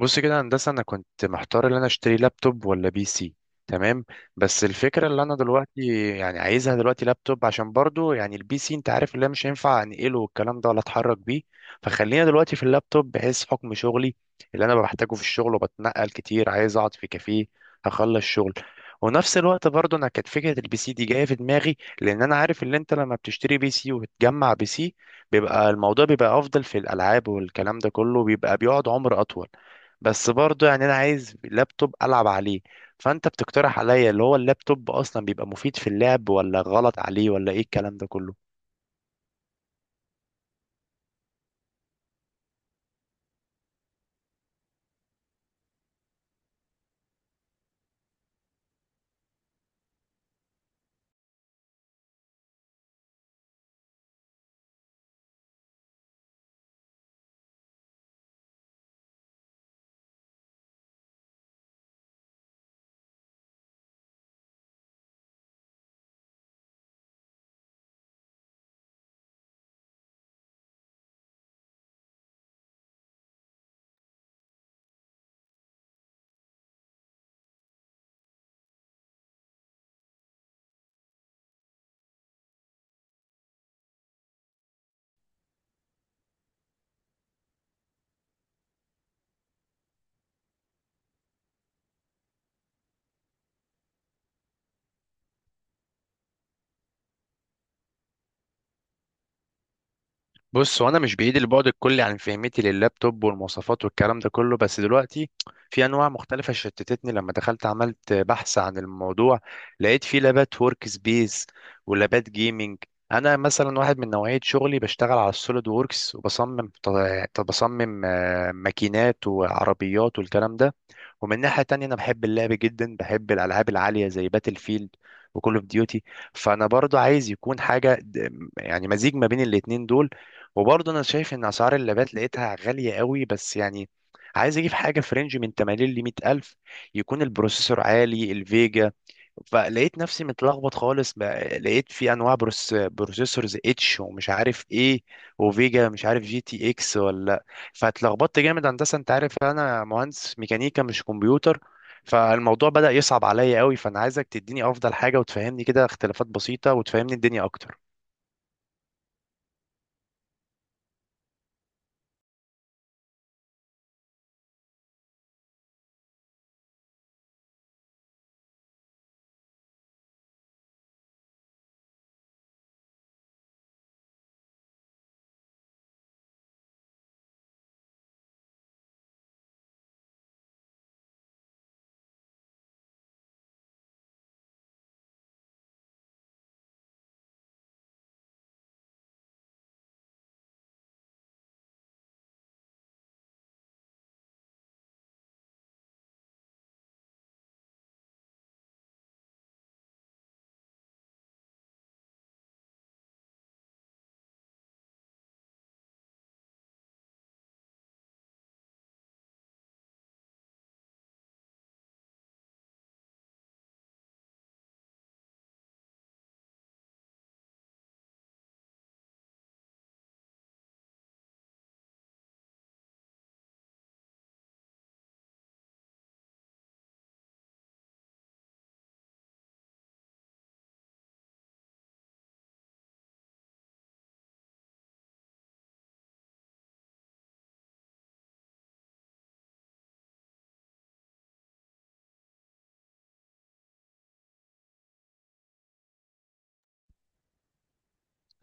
بص كده يا هندسه، انا كنت محتار ان انا اشتري لابتوب ولا بي سي. تمام. بس الفكره اللي انا دلوقتي يعني عايزها دلوقتي لابتوب، عشان برضو يعني البي سي انت عارف اللي أنا مش هينفع انقله والكلام ده، ولا اتحرك بيه. فخلينا دلوقتي في اللابتوب، بحيث حكم شغلي اللي انا بحتاجه في الشغل، وبتنقل كتير، عايز اقعد في كافيه هخلص شغل. ونفس الوقت برضو انا كانت فكره البي سي دي جايه في دماغي، لان انا عارف ان انت لما بتشتري بي سي وبتجمع بي سي، بيبقى الموضوع بيبقى افضل في الالعاب والكلام ده كله، بيبقى بيقعد عمر اطول. بس برضو يعني انا عايز لابتوب العب عليه. فانت بتقترح عليا اللي هو اللابتوب اصلا بيبقى مفيد في اللعب، ولا غلط عليه، ولا ايه الكلام ده كله؟ بص وانا مش بعيد البعد الكلي عن فهمتي لللابتوب والمواصفات والكلام ده كله، بس دلوقتي في انواع مختلفه شتتتني لما دخلت عملت بحث عن الموضوع. لقيت في لابات ورك سبيس ولابات جيمنج. انا مثلا واحد من نوعيه شغلي بشتغل على السوليد ووركس وبصمم، بصمم ماكينات وعربيات والكلام ده. ومن ناحية تانية أنا بحب اللعب جدا، بحب الألعاب العالية زي باتل فيلد وكول اوف ديوتي. فأنا برضو عايز يكون حاجة يعني مزيج ما بين الاتنين دول. وبرضو أنا شايف إن أسعار اللابات لقيتها غالية قوي، بس يعني عايز أجيب حاجة في رينج من 80 ل 100 ألف، يكون البروسيسور عالي، الفيجا. فلقيت نفسي متلخبط خالص لقيت في انواع بروسيسورز اتش ومش عارف ايه، وفيجا مش عارف جي تي اكس. فاتلخبطت جامد هندسه، انت عارف انا مهندس ميكانيكا مش كمبيوتر. فالموضوع بدأ يصعب عليا قوي، فانا عايزك تديني افضل حاجه، وتفهمني كده اختلافات بسيطه، وتفهمني الدنيا اكتر.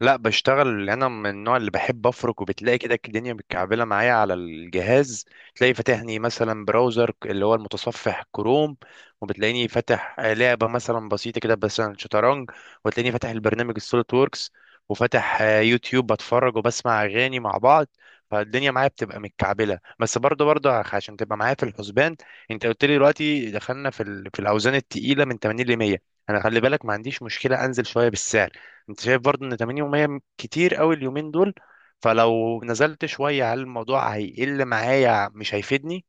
لا، بشتغل انا من النوع اللي بحب افرك، وبتلاقي كده الدنيا متكعبله معايا على الجهاز. تلاقي فاتحني مثلا براوزر اللي هو المتصفح كروم، وبتلاقيني فاتح لعبه مثلا بسيطه كده، مثلا شطرنج، وتلاقيني فاتح البرنامج السوليد ووركس، وفاتح يوتيوب بتفرج وبسمع اغاني مع بعض. فالدنيا معايا بتبقى متكعبله. بس برضه برضه عشان تبقى معايا في الحسبان، انت قلت لي دلوقتي دخلنا في في الاوزان التقيله من 80 ل 100، انا خلي بالك ما عنديش مشكله انزل شويه بالسعر. انت شايف برضو ان 80 يومية كتير قوي اليومين دول؟ فلو نزلت شوية هل الموضوع هيقل معايا؟ مش هيفيدني؟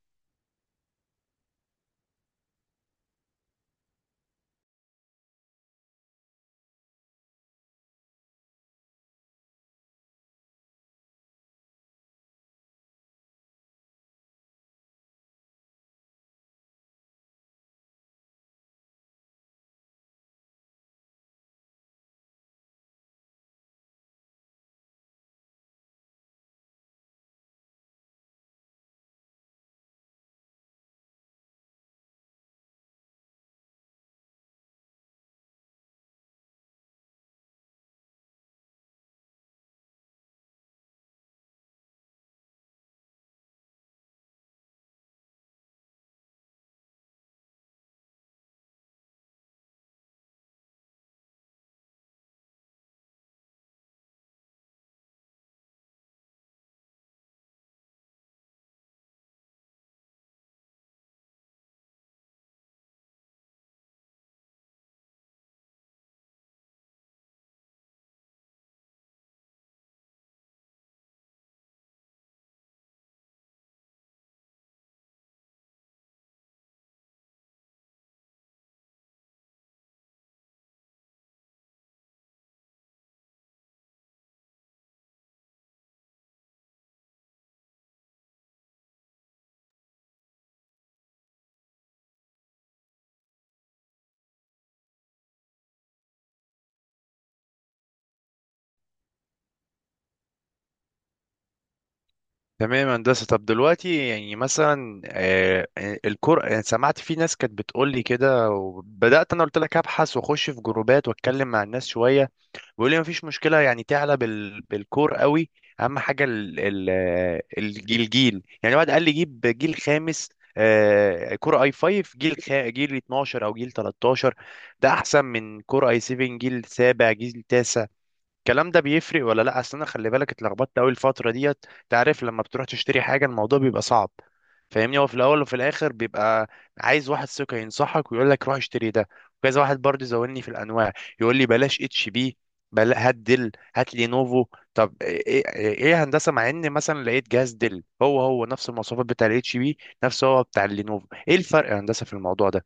تمام يا هندسة. طب دلوقتي يعني مثلا الكور، يعني سمعت في ناس كانت بتقول لي كده، وبدأت انا قلت لك ابحث واخش في جروبات واتكلم مع الناس شوية، بيقول لي مفيش مشكله يعني تعلى بالكور قوي. اهم حاجه الجيل، يعني واحد قال لي جيب جيل خامس، كور اي 5 جيل جيل 12 او جيل 13، ده احسن من كور اي 7 جيل سابع جيل تاسع. الكلام ده بيفرق ولا لا؟ اصل انا خلي بالك اتلخبطت قوي الفتره ديت. تعرف لما بتروح تشتري حاجه الموضوع بيبقى صعب، فاهمني؟ هو في الاول وفي الاخر بيبقى عايز واحد ثقه ينصحك ويقول لك روح اشتري ده. وكذا واحد برضه زودني في الانواع، يقول لي بلاش اتش بي، هات ديل، هات لينوفو. طب ايه، ايه، إيه يا هندسه؟ مع ان مثلا لقيت جهاز ديل هو هو نفس المواصفات بتاع الاتش بي نفسه، هو بتاع اللينوفو. ايه الفرق يا هندسه في الموضوع ده؟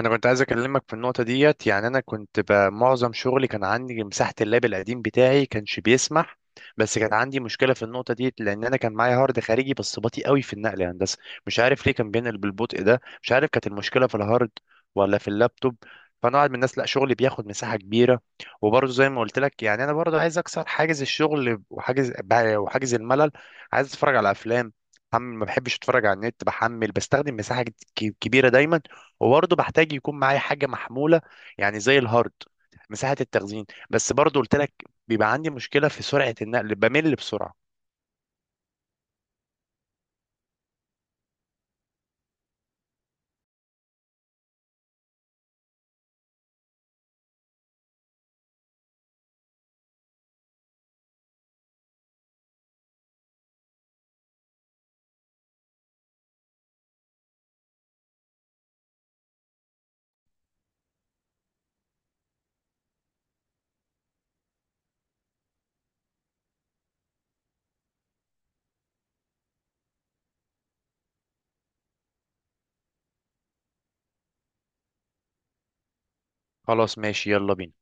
انا كنت عايز اكلمك في النقطه ديت، يعني انا كنت معظم شغلي كان عندي مساحه، اللاب القديم بتاعي كانش بيسمح. بس كان عندي مشكله في النقطه ديت، لان انا كان معايا هارد خارجي بس بطيء قوي في النقل يا هندسه، مش عارف ليه كان بينقل بالبطء ده. مش عارف كانت المشكله في الهارد ولا في اللابتوب. فانا قاعد من الناس لا شغلي بياخد مساحه كبيره، وبرضه زي ما قلت لك يعني انا برضه عايز اكسر حاجز الشغل، وحاجز الملل. عايز اتفرج على افلام، ما بحبش اتفرج على النت، بحمل، بستخدم مساحه كبيره دايما. وبرضه بحتاج يكون معايا حاجه محموله، يعني زي الهارد، مساحه التخزين. بس برضه قلت لك بيبقى عندي مشكله في سرعه النقل، بمل بسرعه. خلاص ماشي، يلا بينا.